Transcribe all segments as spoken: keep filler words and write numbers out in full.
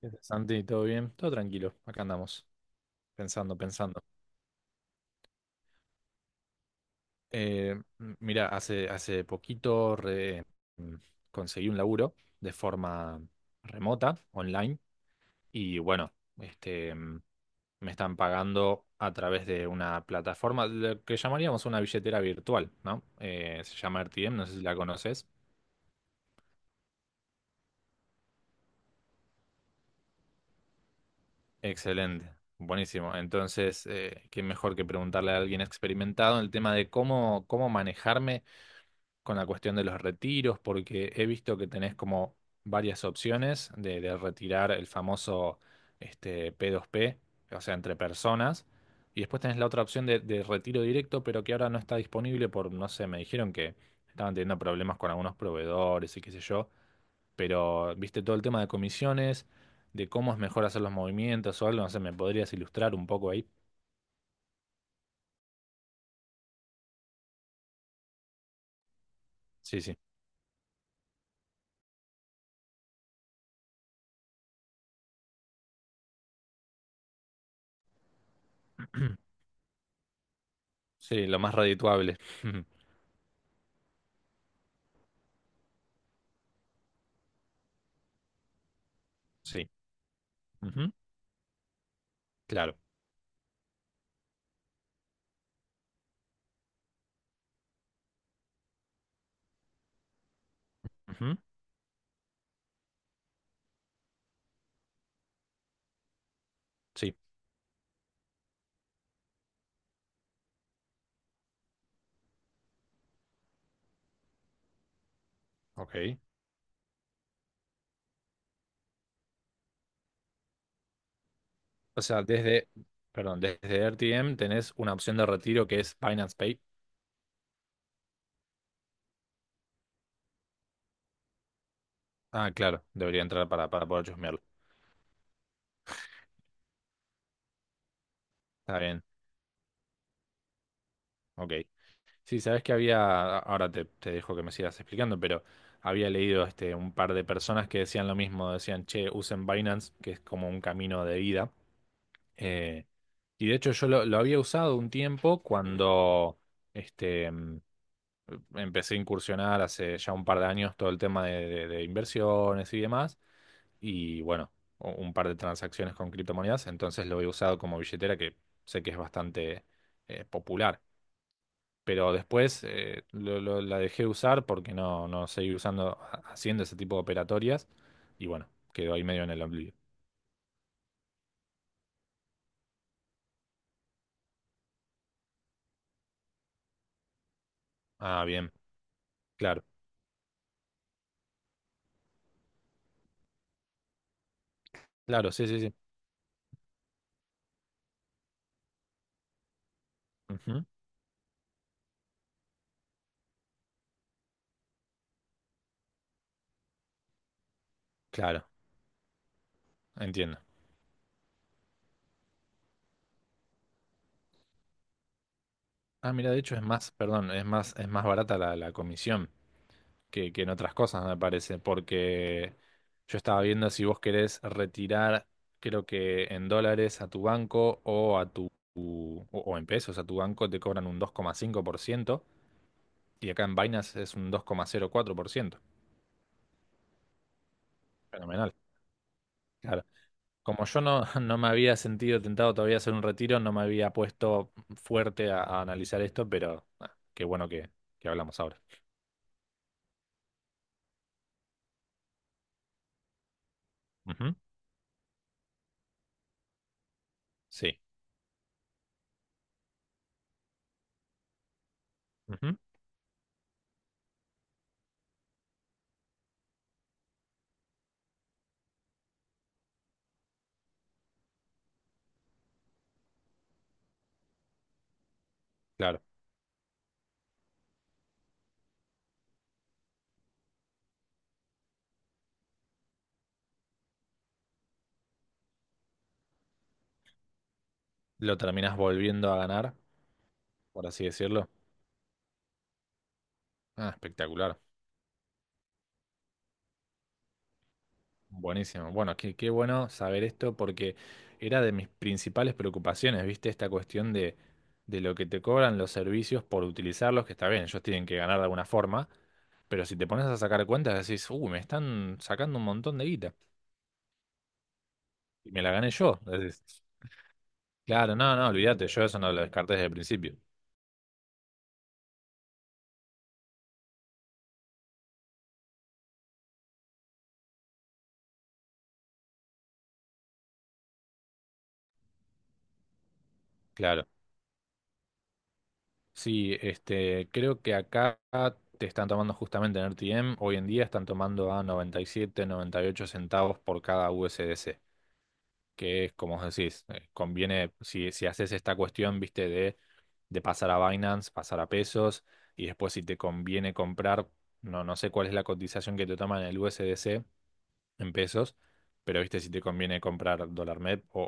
¿Qué haces, Santi? ¿Todo bien? Todo tranquilo. Acá andamos, pensando, pensando. Eh, m- Mira, hace, hace poquito re- mm, conseguí un laburo de forma remota, online, y bueno, este, mm, me están pagando a través de una plataforma, lo que llamaríamos una billetera virtual, ¿no? Eh, se llama R T M, no sé si la conoces. Excelente, buenísimo. Entonces, eh, qué mejor que preguntarle a alguien experimentado en el tema de cómo, cómo manejarme con la cuestión de los retiros, porque he visto que tenés como varias opciones de, de retirar el famoso este, p dos p, o sea, entre personas, y después tenés la otra opción de, de retiro directo, pero que ahora no está disponible por, no sé, me dijeron que estaban teniendo problemas con algunos proveedores y qué sé yo, pero viste todo el tema de comisiones, de cómo es mejor hacer los movimientos o algo, no sé, ¿me podrías ilustrar un poco ahí? Sí, sí. Sí, lo más redituable. Sí. Ujú. Claro. Ujú. Sí. Ok. O sea, desde, perdón, desde R T M tenés una opción de retiro que es Binance Pay. Ah, claro, debería entrar para, para poder chusmearlo. Está bien, ok. Sí, sabes que había, ahora te, te dejo que me sigas explicando, pero había leído este, un par de personas que decían lo mismo, decían, che, usen Binance, que es como un camino de vida. Eh, y de hecho yo lo, lo había usado un tiempo cuando este, mm, empecé a incursionar hace ya un par de años todo el tema de de- de inversiones y demás. Y bueno, u- un par de transacciones con criptomonedas, entonces lo he usado como billetera que sé que es bastante eh, popular. Pero después eh, lo- lo- la dejé usar porque no, no seguí usando, ha- haciendo ese tipo de operatorias, y bueno, quedó ahí medio en el oblivio. Ah, bien, claro, claro, sí, sí, sí. Ujú. Claro, entiendo. Ah, mira, de hecho es más, perdón, es más, es más barata la, la comisión. Que, que en otras cosas, me parece, porque yo estaba viendo si vos querés retirar, creo que en dólares a tu banco o a tu, o, o en pesos a tu banco te cobran un dos coma cinco por ciento, y acá en Binance es un dos coma cero cuatro por ciento. Fenomenal. Claro. Como yo no, no me había sentido tentado todavía a hacer un retiro, no me había puesto fuerte a, a analizar esto, pero ah, qué bueno que, que hablamos ahora. Ujú. Sí. Ujú. Claro. Lo terminás volviendo a ganar, por así decirlo. Ah, espectacular. Buenísimo. Bueno, qué, qué bueno saber esto porque era de mis principales preocupaciones, ¿viste? Esta cuestión de, de lo que te cobran los servicios por utilizarlos, que está bien, ellos tienen que ganar de alguna forma, pero si te pones a sacar cuentas decís, uy, me están sacando un montón de guita y me la gané yo. Decís, claro, no, no, olvídate, yo eso no lo descarté desde el principio. Claro. Sí, este, creo que acá te están tomando justamente en R T M, hoy en día están tomando a noventa noventa y siete, noventa y ocho centavos por cada U S D C. Que es como vos decís, eh, conviene, si, si haces esta cuestión, viste, de, de pasar a Binance, pasar a pesos, y después si te conviene comprar, no, no sé cuál es la cotización que te toman en el U S D C en pesos, pero viste, si te conviene comprar dólar M E P o,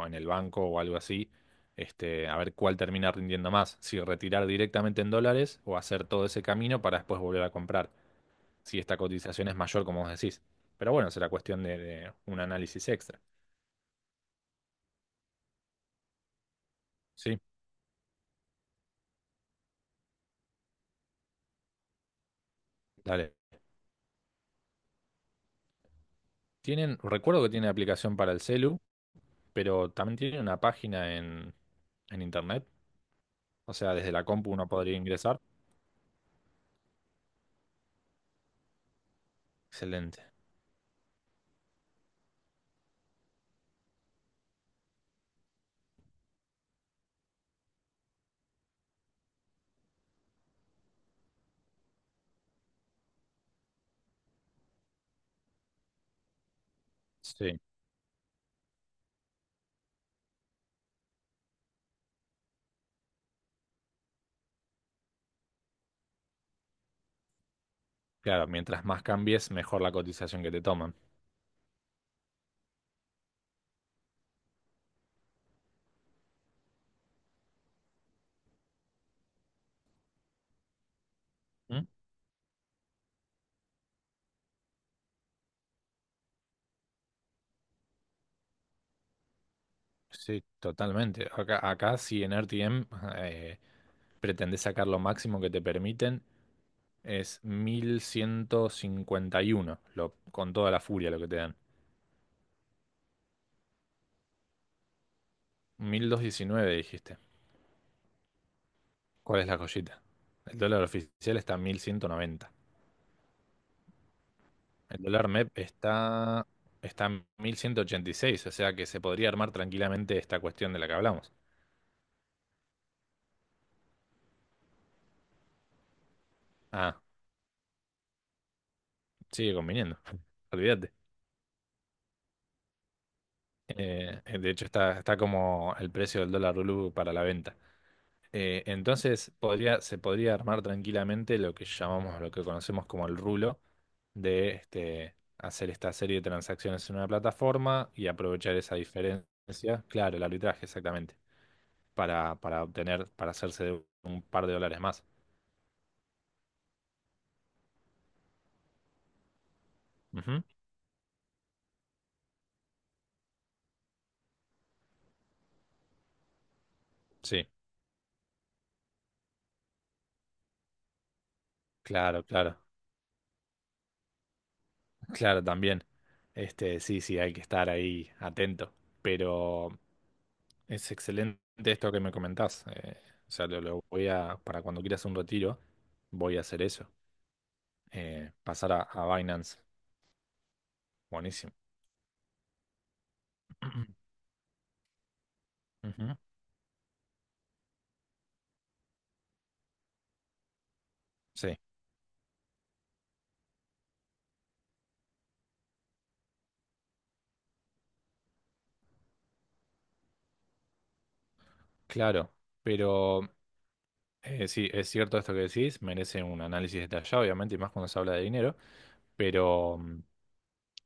o en el banco o algo así, este, a ver cuál termina rindiendo más, si retirar directamente en dólares o hacer todo ese camino para después volver a comprar, si esta cotización es mayor, como vos decís. Pero bueno, será cuestión de, de un análisis extra. Sí, dale. Tienen, recuerdo que tienen aplicación para el celu, pero también tienen una página en, en internet. O sea, desde la compu uno podría ingresar. Excelente. Sí, claro, mientras más cambies, mejor la cotización que te toman. ¿Mm? Sí, totalmente. Acá, acá si en R T M eh, pretendés sacar lo máximo que te permiten, es mil ciento cincuenta y uno, lo, con toda la furia lo que te dan. Mil doscientos diecinueve dijiste. ¿Cuál es la joyita? El dólar oficial está en mil ciento noventa. El dólar M E P está, está en mil ciento ochenta y seis, o sea que se podría armar tranquilamente esta cuestión de la que hablamos. Ah, sigue conviniendo, olvídate. Eh, de hecho, está, está como el precio del dólar blue para la venta. Eh, entonces, podría, se podría armar tranquilamente lo que llamamos, lo que conocemos como el rulo, de este, hacer esta serie de transacciones en una plataforma y aprovechar esa diferencia, claro, el arbitraje exactamente, para, para obtener, para hacerse de un par de dólares más. Ujú. Sí, claro, claro, claro, también. Este, sí, sí, hay que estar ahí atento. Pero es excelente esto que me comentás. Eh, o sea, lo, lo voy a, para cuando quieras un retiro, voy a hacer eso. Eh, pasar a, a Binance. Buenísimo. Ujú. Sí, claro. Pero eh, sí, es cierto esto que decís, merece un análisis detallado, obviamente, y más cuando se habla de dinero, pero mm,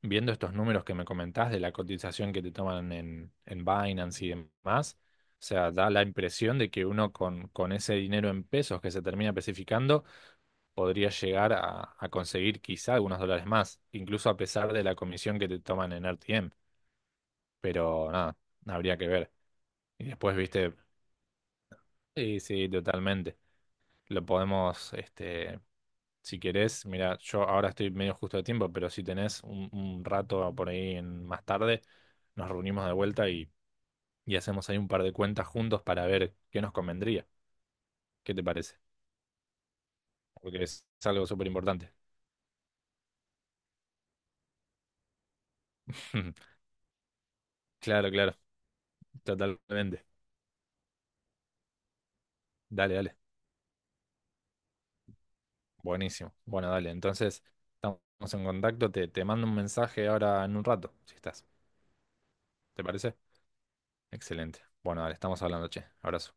viendo estos números que me comentás de la cotización que te toman en, en Binance y demás, o sea, da la impresión de que uno con, con ese dinero en pesos que se termina especificando podría llegar a, a conseguir quizá algunos dólares más, incluso a pesar de la comisión que te toman en R T M, pero nada, habría que ver. Y después, viste, sí, sí, totalmente. Lo podemos, este, si querés, mira, yo ahora estoy medio justo de tiempo, pero si tenés un, un rato por ahí en- más tarde, nos reunimos de vuelta y, y hacemos ahí un par de cuentas juntos para ver qué nos convendría. ¿Qué te parece? Porque es algo súper importante. Claro, claro, totalmente. Dale, dale. Buenísimo. Bueno, dale. Entonces, estamos en contacto. Te, te mando un mensaje ahora en un rato, si estás. ¿Te parece? Excelente. Bueno, dale, estamos hablando, che. Abrazo.